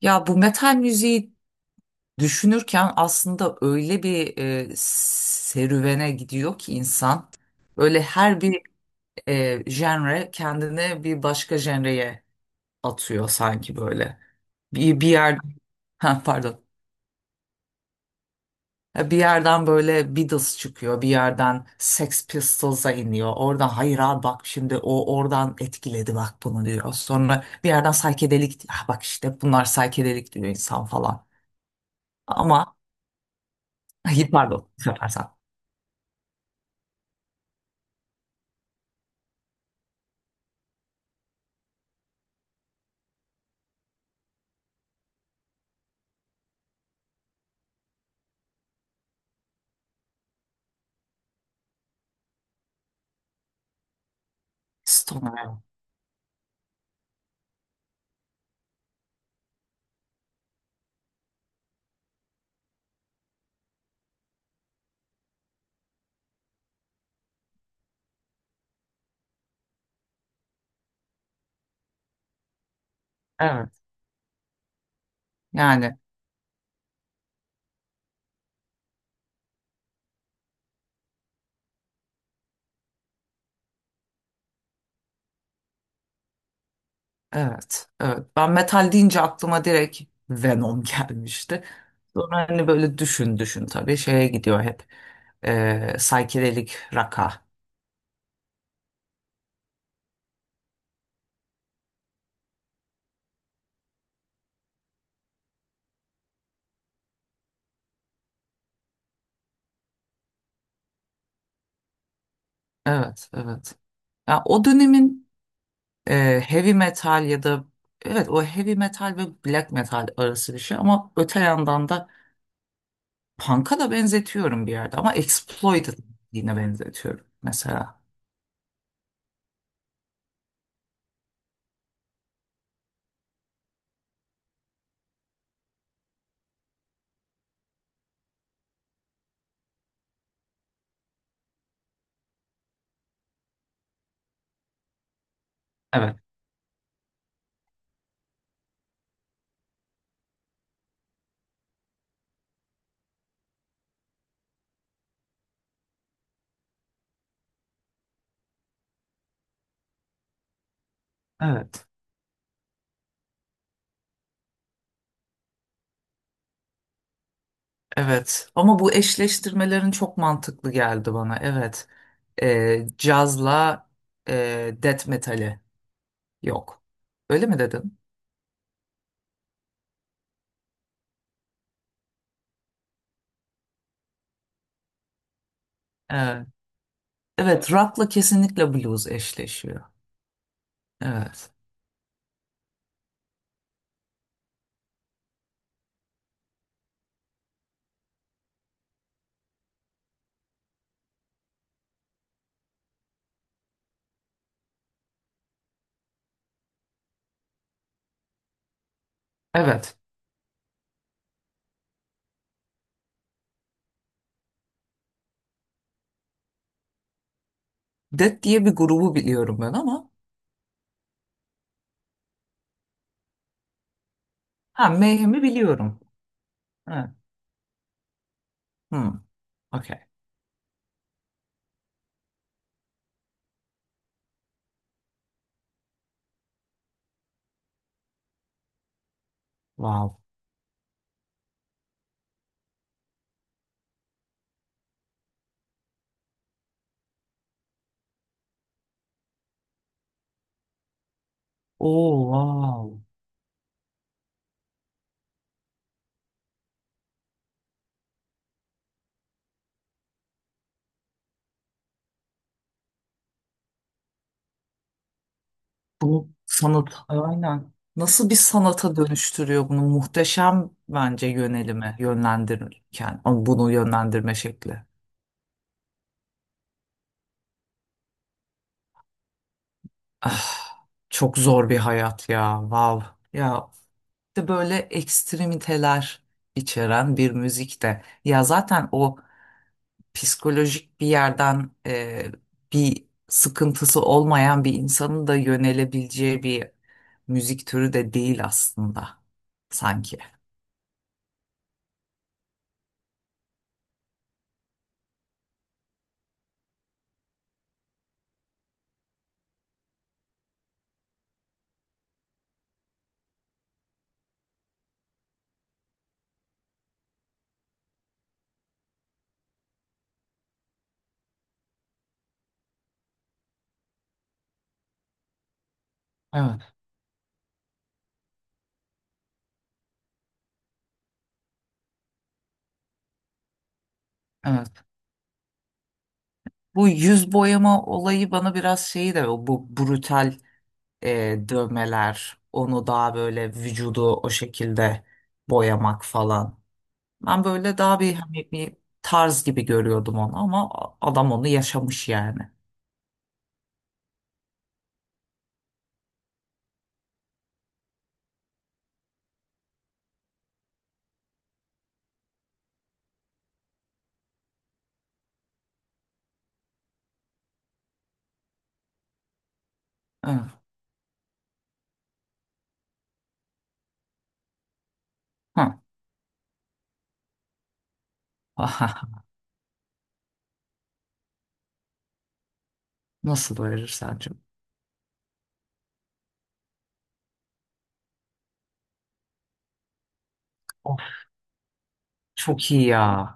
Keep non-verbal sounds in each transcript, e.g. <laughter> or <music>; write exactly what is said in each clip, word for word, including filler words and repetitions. Ya bu metal müziği düşünürken aslında öyle bir e, serüvene gidiyor ki insan. Öyle her bir e, genre kendini bir başka genreye atıyor sanki böyle. Bir, bir yer <laughs> ha, pardon. Ya bir yerden böyle Beatles çıkıyor, bir yerden Sex Pistols'a iniyor. Oradan hayır abi bak şimdi o oradan etkiledi bak bunu diyor. Sonra bir yerden psychedelic, ah bak işte bunlar psychedelic diyor insan falan. Ama hayır, pardon, bu sefer sen. Stoner. Evet. Yani evet. Evet, ben metal deyince aklıma direkt Venom <laughs> gelmişti. Sonra hani böyle düşün düşün tabii şeye gidiyor hep. Ee, psychedelic rock'a. Evet, evet. Ya o dönemin e, heavy metal ya da evet, o heavy metal ve black metal arası bir şey, ama öte yandan da punk'a da benzetiyorum bir yerde, ama exploited yine benzetiyorum mesela. Evet. Evet. Evet. Ama bu eşleştirmelerin çok mantıklı geldi bana. Evet. E, cazla e, death metali yok. Öyle mi dedin? Evet. Evet, rock'la kesinlikle blues eşleşiyor. Evet. Evet. Death diye bir grubu biliyorum ben ama. Ha, Mayhem'i biliyorum. Evet. Hmm. Okay. Wow. Oh, wow. Bunu sanat, aynen. Nasıl bir sanata dönüştürüyor bunu? Muhteşem bence yönelimi, yönlendirirken. Ama bunu yönlendirme şekli. Ah, çok zor bir hayat ya. Wow. Ya işte böyle ekstremiteler içeren bir müzik de. Ya zaten o psikolojik bir yerden e, bir sıkıntısı olmayan bir insanın da yönelebileceği bir müzik türü de değil aslında sanki. Evet, evet. Bu yüz boyama olayı bana biraz şeyi de, o bu brutal e, dövmeler, onu daha böyle vücudu o şekilde boyamak falan. Ben böyle daha bir hani bir tarz gibi görüyordum onu, ama adam onu yaşamış yani. Evet. Hı. <laughs> Nasıl doyurur sence? Of, çok iyi ya.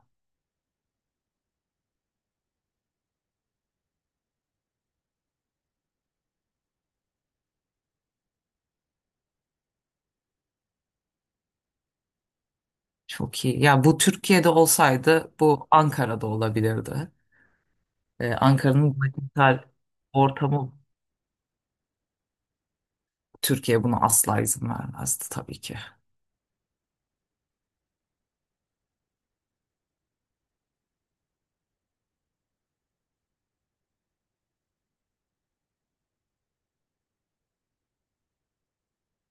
Çok iyi. Ya bu Türkiye'de olsaydı bu Ankara'da olabilirdi. Ee, Ankara'nın başkent ortamı, Türkiye buna asla izin vermezdi tabii ki.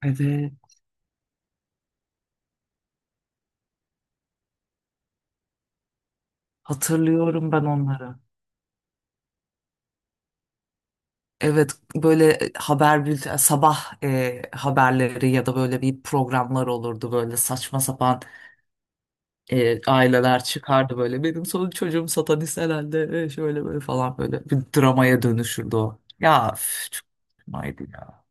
Evet. Hatırlıyorum ben onları. Evet, böyle haber bülten sabah e, haberleri ya da böyle bir programlar olurdu, böyle saçma sapan e, aileler çıkardı böyle. Benim son çocuğum satanist herhalde e, şöyle böyle falan, böyle bir dramaya dönüşürdü o. Ya üf, çok saçmaydı ya.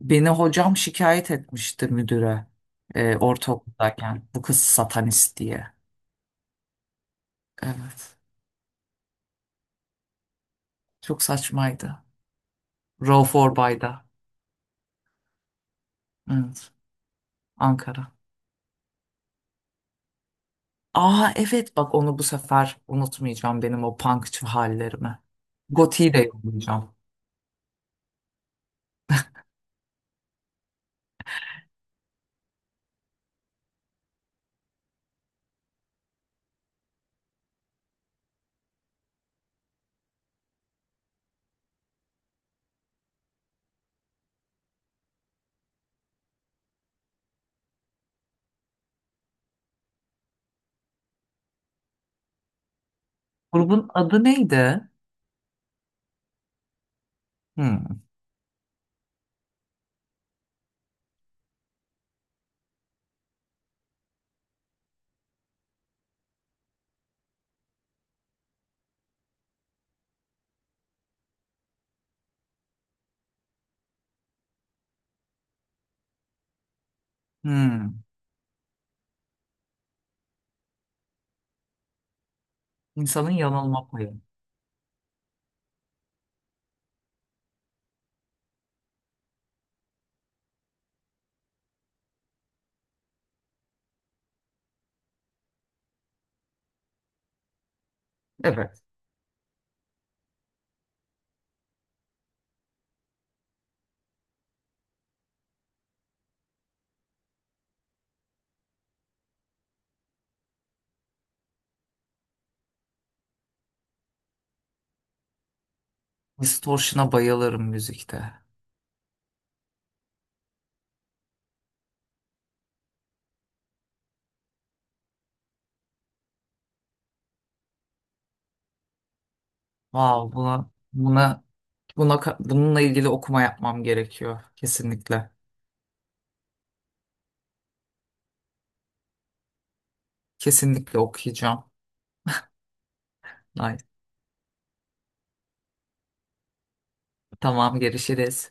Beni hocam şikayet etmişti müdüre e, ortaokuldayken bu kız satanist diye. Evet, çok saçmaydı. Rauf Orbay'da. Evet, Ankara. Aa evet, bak onu bu sefer unutmayacağım, benim o punkçı hallerimi. Goti'yi de yollayacağım. Grubun adı neydi? Hmm. Hmm. İnsanın yanılma payı. Evet. Distortion'a bayılırım müzikte. Wow, buna buna buna ka- bununla ilgili okuma yapmam gerekiyor kesinlikle. Kesinlikle okuyacağım. Ay, tamam, görüşürüz.